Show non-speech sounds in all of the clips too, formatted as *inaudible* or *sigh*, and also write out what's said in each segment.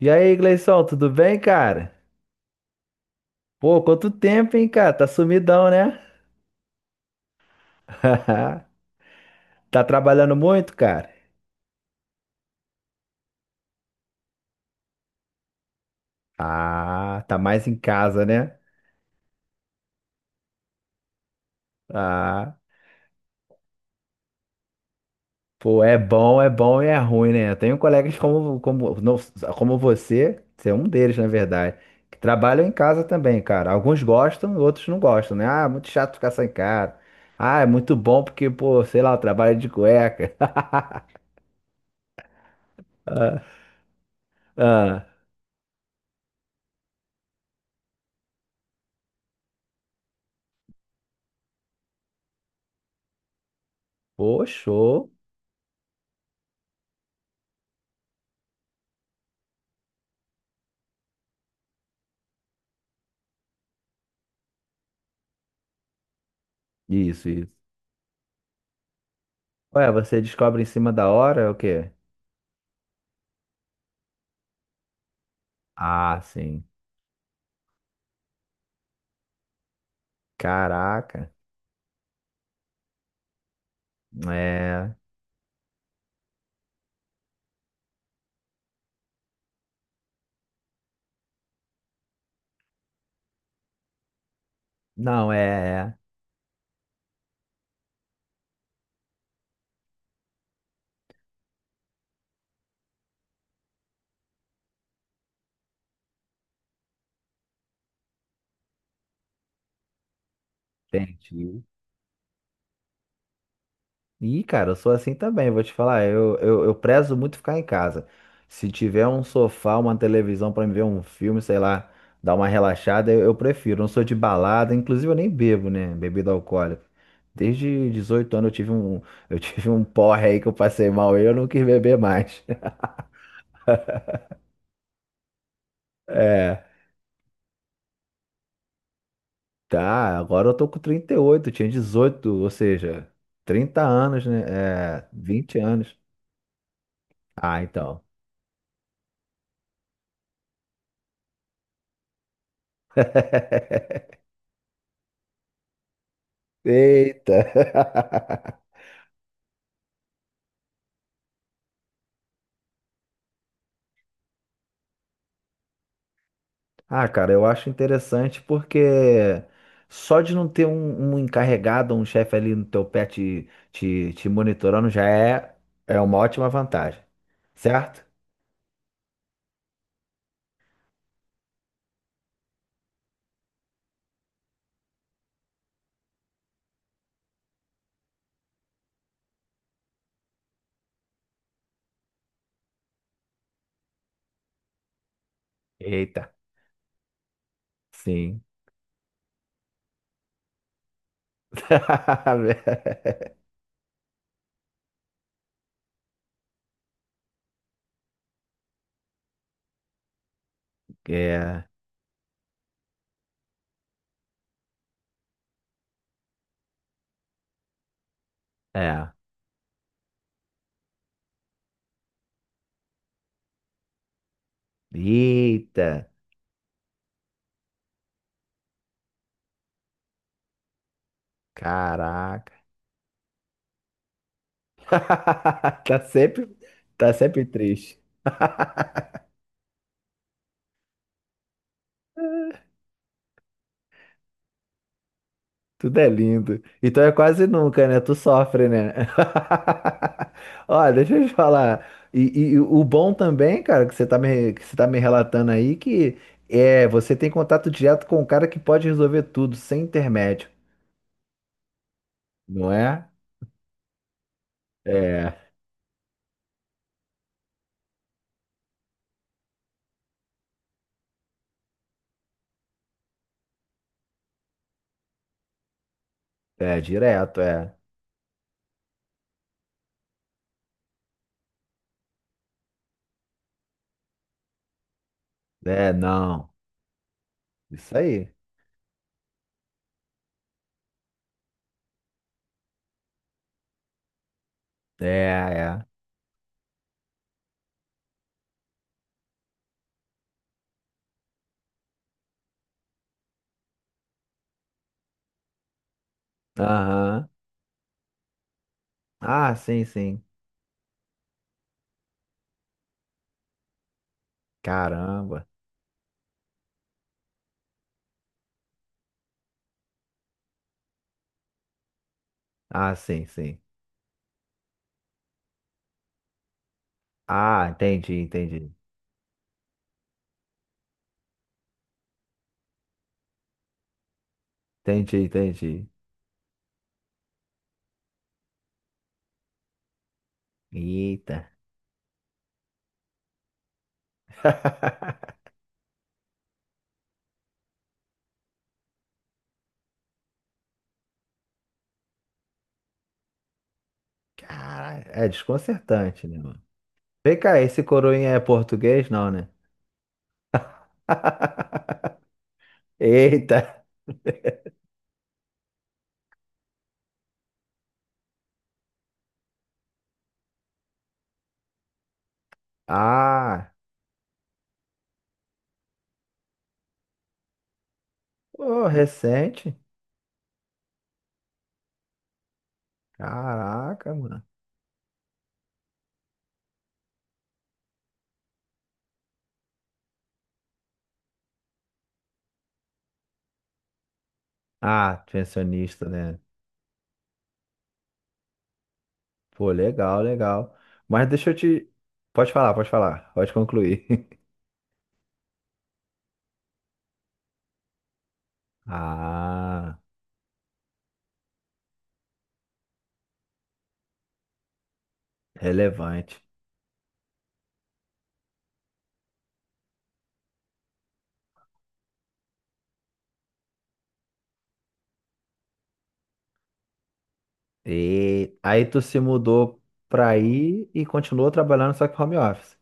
E aí, Gleison, tudo bem, cara? Pô, quanto tempo, hein, cara? Tá sumidão, né? *laughs* Tá trabalhando muito, cara? Ah, tá mais em casa, né? Ah, pô, é bom e é ruim, né? Eu tenho colegas como, não, como você é um deles, na verdade, que trabalham em casa também, cara. Alguns gostam, outros não gostam, né? Ah, muito chato ficar sem cara. Ah, é muito bom porque, pô, sei lá, eu trabalho de cueca. *laughs* Ah, ah, pô, show. Isso, isso. Ué, você descobre em cima da hora é o quê? Ah, sim. Caraca. É. Não, é, é. Entendi. Ih, cara, eu sou assim também, vou te falar. Eu prezo muito ficar em casa. Se tiver um sofá, uma televisão pra me ver um filme, sei lá, dar uma relaxada, eu prefiro. Não sou de balada, inclusive eu nem bebo, né? Bebida alcoólica. Desde 18 anos eu tive um, eu *laughs* tive um porre aí que eu passei mal e eu não quis beber mais. *laughs* É. Tá, agora eu tô com 38, tinha 18 ou seja, 30 anos, né? É, 20 anos. Ah, então. *laughs* Eita! *laughs* Ah, cara, eu acho interessante porque só de não ter um encarregado, um chefe ali no teu pé te monitorando já é uma ótima vantagem, certo? Eita, sim. *laughs* É, é. Eita, caraca. *laughs* Tá sempre, tá sempre triste. *laughs* Tudo é lindo. Então é quase nunca, né? Tu sofre, né? *laughs* Olha, deixa eu te falar. E o bom também, cara, que você tá me relatando aí, que é, você tem contato direto com o cara que pode resolver tudo, sem intermédio, não é? É, é direto, é. É, não. Isso aí. É, é. Aham. Ah, sim, sim. Caramba. Ah, sim, sim. Ah, entendi, entendi. Entendi, entendi. Eita. *laughs* Caralho, é desconcertante, né, mano? Vem cá, esse coroinha é português, não, né? *laughs* Eita. Ah, ô, recente. Caraca, mano. Ah, pensionista, né? Pô, legal, legal. Mas deixa eu te. Pode falar, pode falar. Pode concluir. *laughs* Ah, relevante. E aí tu se mudou pra aí e continuou trabalhando só que home office.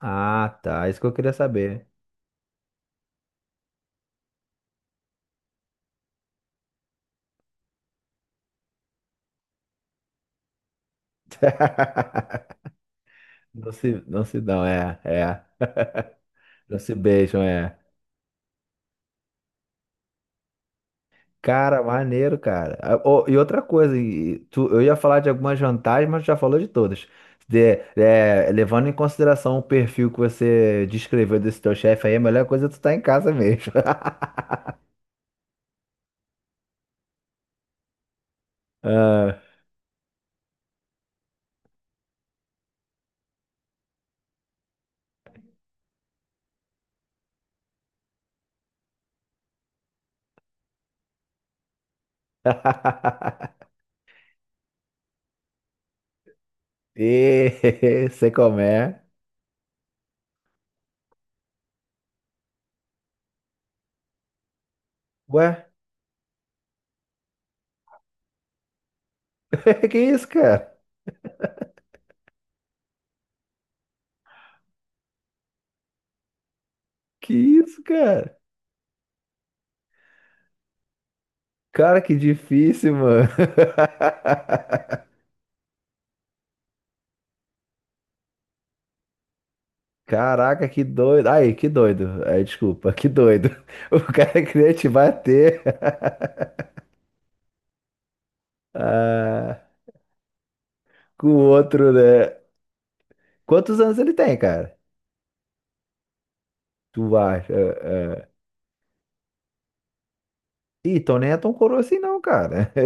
Ah, tá. É isso que eu queria saber. *laughs* Não se dão, é, é. *laughs* Não se beijam, é. Cara, maneiro, cara. Ah, ô, e outra coisa, e tu, eu ia falar de algumas vantagens, mas tu já falou de todas. É, levando em consideração o perfil que você descreveu desse teu chefe aí, a melhor coisa é tu estar em casa mesmo. *laughs* Ah. *laughs* E *laughs* sei como é. Ué? *laughs* Que isso, cara? Que isso, cara? Cara, que difícil, mano. *laughs* Caraca, que doido. Aí, que doido. Ai, desculpa, que doido. *laughs* O cara queria te bater. *laughs* Ah, com o outro, né? Quantos anos ele tem, cara? Tu acha? Ah, ah. Ih, então nem é tão coroa assim, não, cara. *laughs*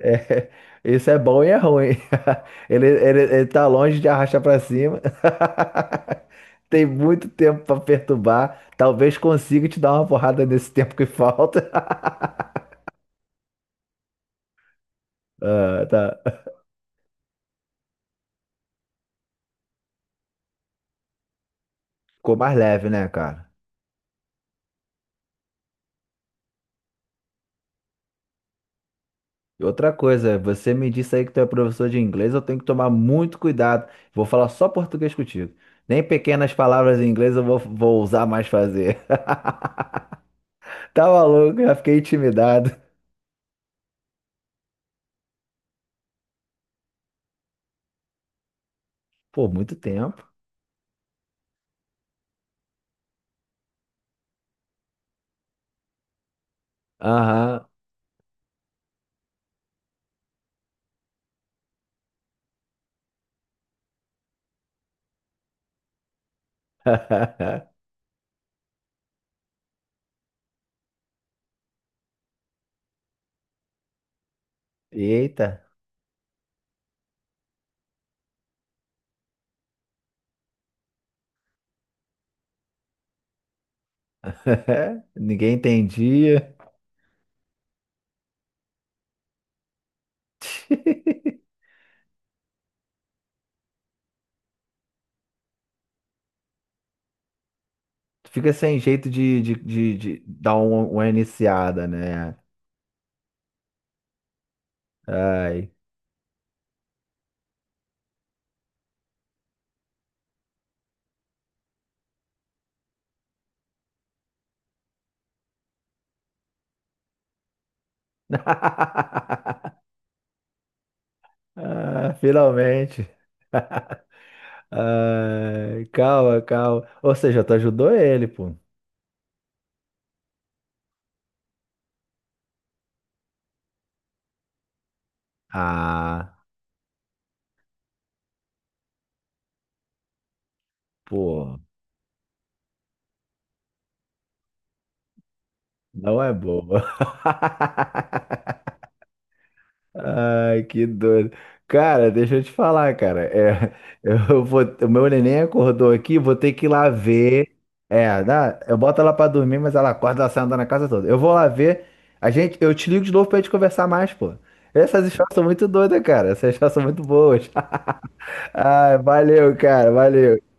É, isso é bom e é ruim. *laughs* Ele tá longe de arrastar pra cima. *laughs* Tem muito tempo pra perturbar. Talvez consiga te dar uma porrada nesse tempo que falta. *laughs* Ah, tá. Ficou mais leve, né, cara? E outra coisa, você me disse aí que tu é professor de inglês, eu tenho que tomar muito cuidado. Vou falar só português contigo. Nem pequenas palavras em inglês eu vou usar mais fazer. *laughs* Tá maluco? Já fiquei intimidado. Pô, muito tempo. Aham. *laughs* Eita. *laughs* Ninguém entendia. *laughs* Tu fica sem jeito de dar uma iniciada, né? Ai. *laughs* Ah, finalmente. Ai, calma, calma. Ou seja, tu ajudou ele, pô. Ah, pô, não é boa. *laughs* Ai, que doido. Cara, deixa eu te falar, cara. É, *laughs* eu vou, o meu neném acordou aqui, vou ter que ir lá ver. É, eu boto ela pra dormir, mas ela acorda, ela sai andando na casa toda. Eu vou lá ver. Eu te ligo de novo pra gente conversar mais, pô. Essas histórias são muito doidas, cara. Essas histórias são muito boas. *laughs* Ai, valeu, cara. Valeu.